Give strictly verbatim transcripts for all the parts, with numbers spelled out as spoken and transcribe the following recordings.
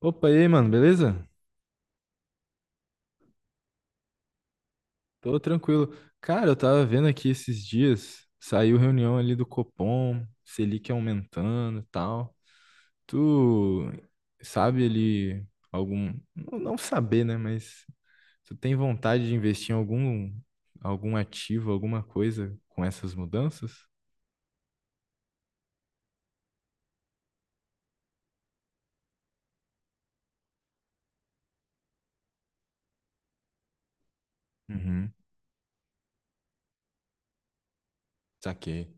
Opa, e aí, mano, beleza? Tô tranquilo. Cara, eu tava vendo aqui esses dias, saiu reunião ali do Copom, Selic aumentando e tal. Tu sabe ali algum. Não não saber, né? Mas tu tem vontade de investir em algum, algum ativo, alguma coisa com essas mudanças? Uhum, saquei.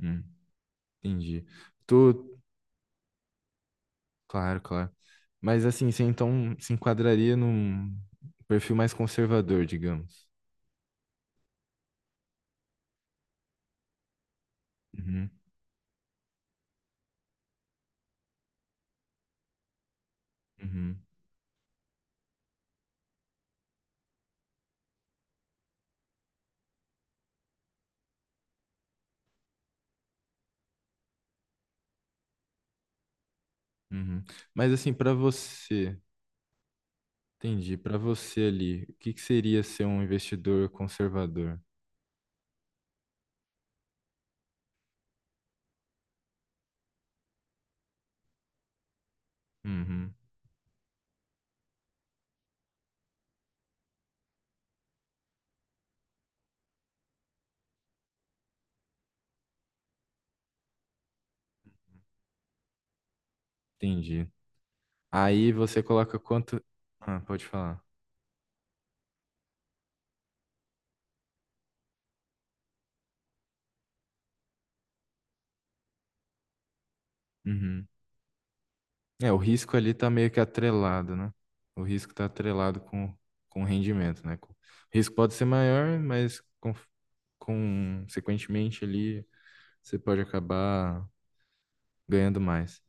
Hum, entendi. Tu. Claro, claro. Mas assim, você então se enquadraria num perfil mais conservador, digamos. Uhum. Uhum, uhum. Mas assim, para você, entendi, para você ali, o que que seria ser um investidor conservador? Uhum, entendi. Aí você coloca quanto... Ah, pode falar. Uhum. É, o risco ali tá meio que atrelado, né? O risco tá atrelado com, com o rendimento, né? O risco pode ser maior, mas con- consequentemente ali você pode acabar ganhando mais.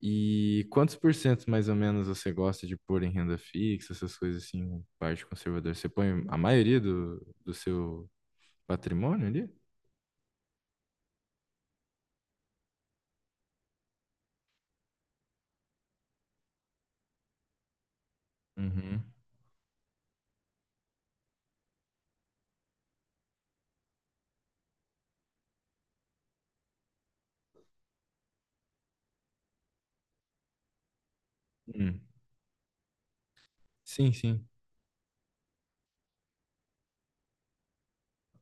E quantos por cento mais ou menos você gosta de pôr em renda fixa, essas coisas assim, parte conservadora? Você põe a maioria do, do seu patrimônio ali? Uhum. Hum. Sim, sim.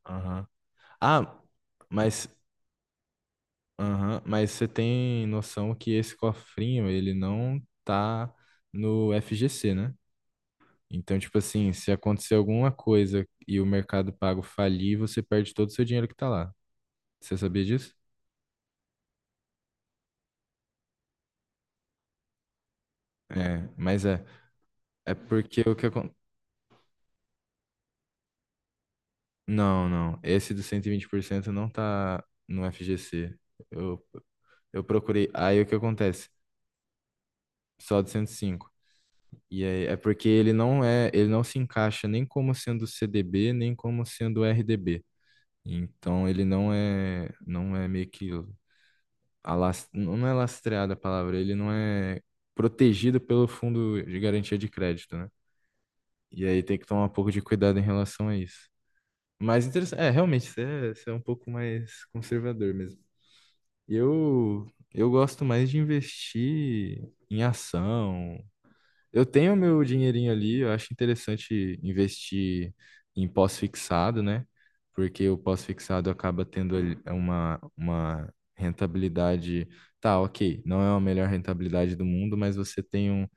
Aham. Ah, mas, aham, mas você tem noção que esse cofrinho, ele não tá no F G C, né? Então, tipo assim, se acontecer alguma coisa e o Mercado Pago falir, você perde todo o seu dinheiro que tá lá. Você sabia disso? É, mas é. É porque o que acontece. Não, não. Esse do cento e vinte por cento não tá no F G C. Eu, eu procurei. Aí o que acontece? Só do cento e cinco. E aí é porque ele não é, ele não se encaixa nem como sendo C D B, nem como sendo R D B. Então ele não é, não é meio que alas- não é lastreado a palavra, ele não é protegido pelo fundo de garantia de crédito, né? E aí tem que tomar um pouco de cuidado em relação a isso. Mas interessante, é, realmente, você é, você é um pouco mais conservador mesmo. Eu, eu gosto mais de investir em ação. Eu tenho meu dinheirinho ali, eu acho interessante investir em pós-fixado, né? Porque o pós-fixado acaba tendo ali uma, uma rentabilidade. Tá, ok, não é a melhor rentabilidade do mundo, mas você tem um-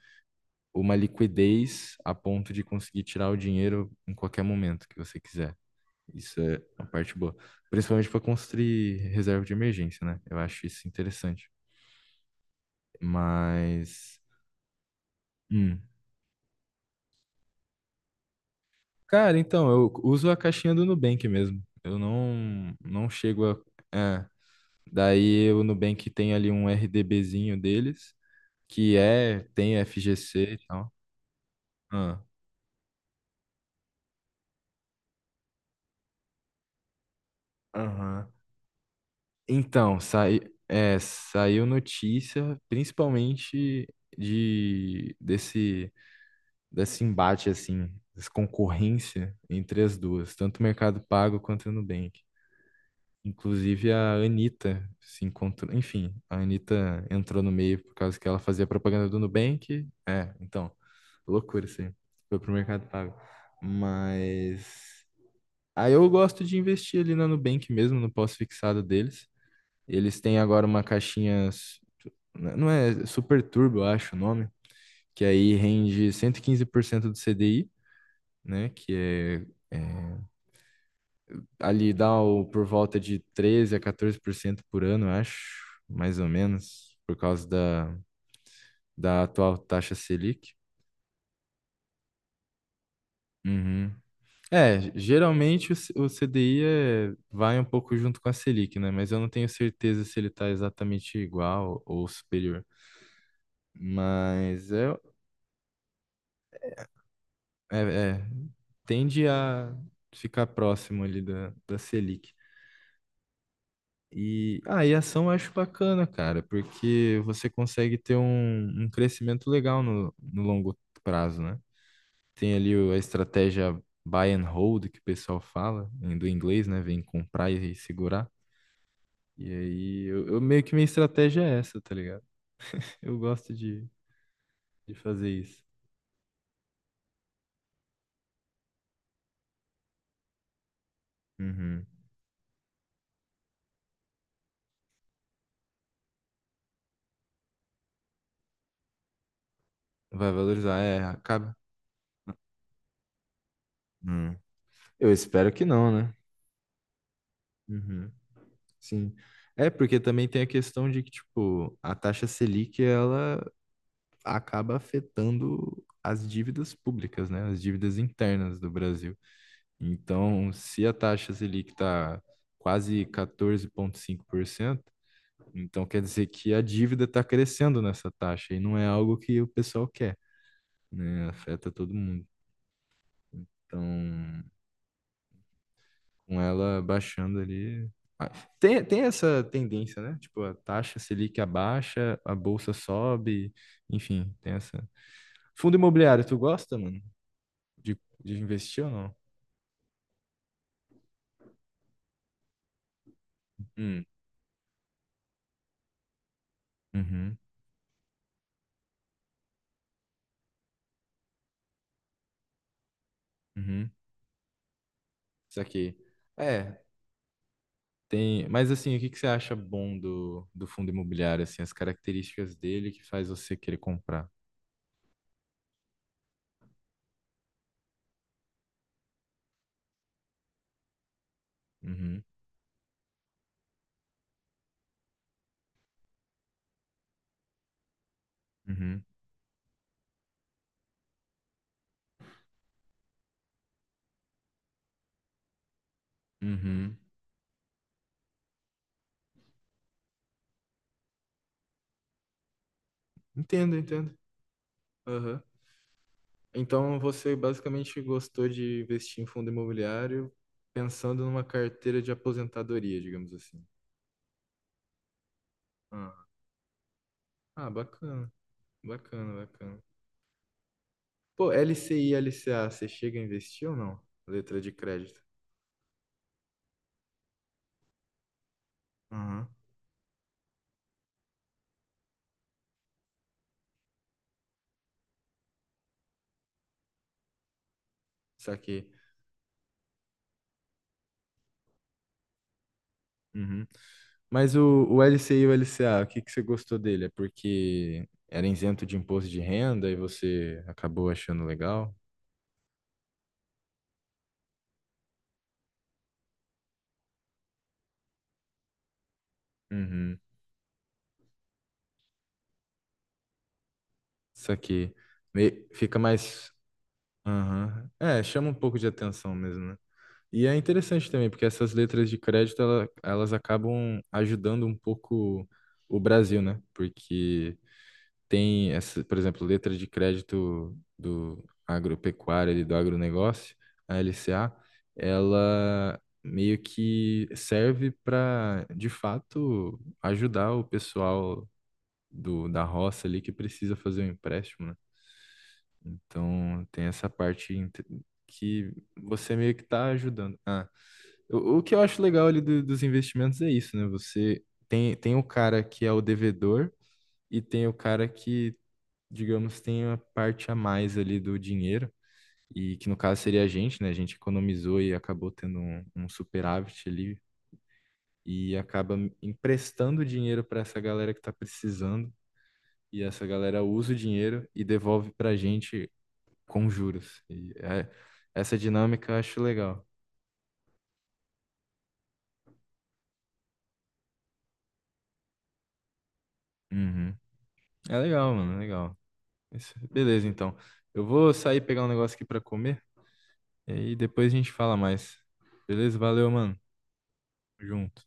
uma liquidez a ponto de conseguir tirar o dinheiro em qualquer momento que você quiser. Isso é uma parte boa. Principalmente para construir reserva de emergência, né? Eu acho isso interessante. Mas. Hum. Cara, então, eu uso a caixinha do Nubank mesmo. Eu não, não chego a. É. Daí o Nubank tem ali um R D B zinho deles, que é, tem F G C e tal. Ah, aham. Então, sai, é, saiu notícia, principalmente de desse, desse embate, assim, dessa concorrência entre as duas, tanto o Mercado Pago quanto o Nubank. Inclusive a Anitta se encontrou. Enfim, a Anitta entrou no meio por causa que ela fazia propaganda do Nubank. É, então, loucura isso aí. Foi pro Mercado Pago. Mas. Aí eu gosto de investir ali na Nubank mesmo, no pós-fixado deles. Eles têm agora uma caixinha. s- Não é Super Turbo, eu acho o nome. Que aí rende cento e quinze por cento do C D I, né? Que é ali dá o, por volta de treze a quatorze por cento por cento por ano, eu acho, mais ou menos, por causa da, da atual taxa Selic. Uhum. É, geralmente o, C- o C D I é- vai um pouco junto com a Selic, né? Mas eu não tenho certeza se ele está exatamente igual ou superior. Mas é, é, é, tende a ficar próximo ali da, da Selic. E, ah, e ação eu acho bacana, cara, porque você consegue ter um, um crescimento legal no, no longo prazo, né? Tem ali o- a estratégia buy and hold, que o pessoal fala, em- do inglês, né? Vem comprar e segurar. E aí, eu, eu meio que minha estratégia é essa, tá ligado? Eu gosto de, de fazer isso. Uhum. Vai valorizar, é, acaba. Hum. Eu espero que não, né? Uhum. Sim. É, porque também tem a questão de que, tipo, a taxa Selic, ela acaba afetando as dívidas públicas, né? As dívidas internas do Brasil. Então, se a taxa Selic está quase quatorze vírgula cinco por cento, então quer dizer que a dívida está crescendo nessa taxa e não é algo que o pessoal quer, né? Afeta todo mundo. Então, com ela baixando ali. Ah, tem, tem essa tendência, né? Tipo, a taxa Selic abaixa, a bolsa sobe, enfim, tem essa. Fundo imobiliário, tu gosta, mano? De, de investir ou não? Hum, uhum, uhum. Isso aqui. É, tem. Mas assim, o que que você acha bom do, do fundo imobiliário, assim, as características dele que faz você querer comprar? Uhum, uhum, uhum. Entendo, entendo. Aham. Então você basicamente gostou de investir em fundo imobiliário pensando numa carteira de aposentadoria, digamos assim. Ah, ah, bacana, bacana, bacana. Pô, L C I e L C A, você chega a investir ou não? Letra de crédito. Aham. Saquei. Uhum. Mas o, o L C I e o L C A, o que que você gostou dele? É porque era isento de imposto de renda e você acabou achando legal? Uhum. Isso aqui. Me- fica mais. Aham. É, chama um pouco de atenção mesmo, né? E é interessante também, porque essas letras de crédito, ela- elas acabam ajudando um pouco o Brasil, né? Porque tem essa, por exemplo, letra de crédito do agropecuário ali do agronegócio, a L C A, ela meio que serve para, de fato, ajudar o pessoal do, da roça ali que precisa fazer um empréstimo, né? Então, tem essa parte inte- que você meio que está ajudando. Ah, o, o que eu acho legal ali do- dos investimentos é isso, né? Você tem, tem o cara que é o devedor e tem o cara que digamos, tem a parte a mais ali do dinheiro, e que no caso seria a gente, né? A gente economizou e acabou tendo um, um superávit ali, e acaba emprestando dinheiro para essa galera que está precisando, e essa galera usa o dinheiro e devolve para a gente com juros. E é- essa dinâmica eu acho legal. Uhum. É legal, mano, é legal. Isso- Beleza, então. Eu vou sair pegar um negócio aqui para comer, e aí depois a gente fala mais. Beleza? Valeu, mano. Tamo junto.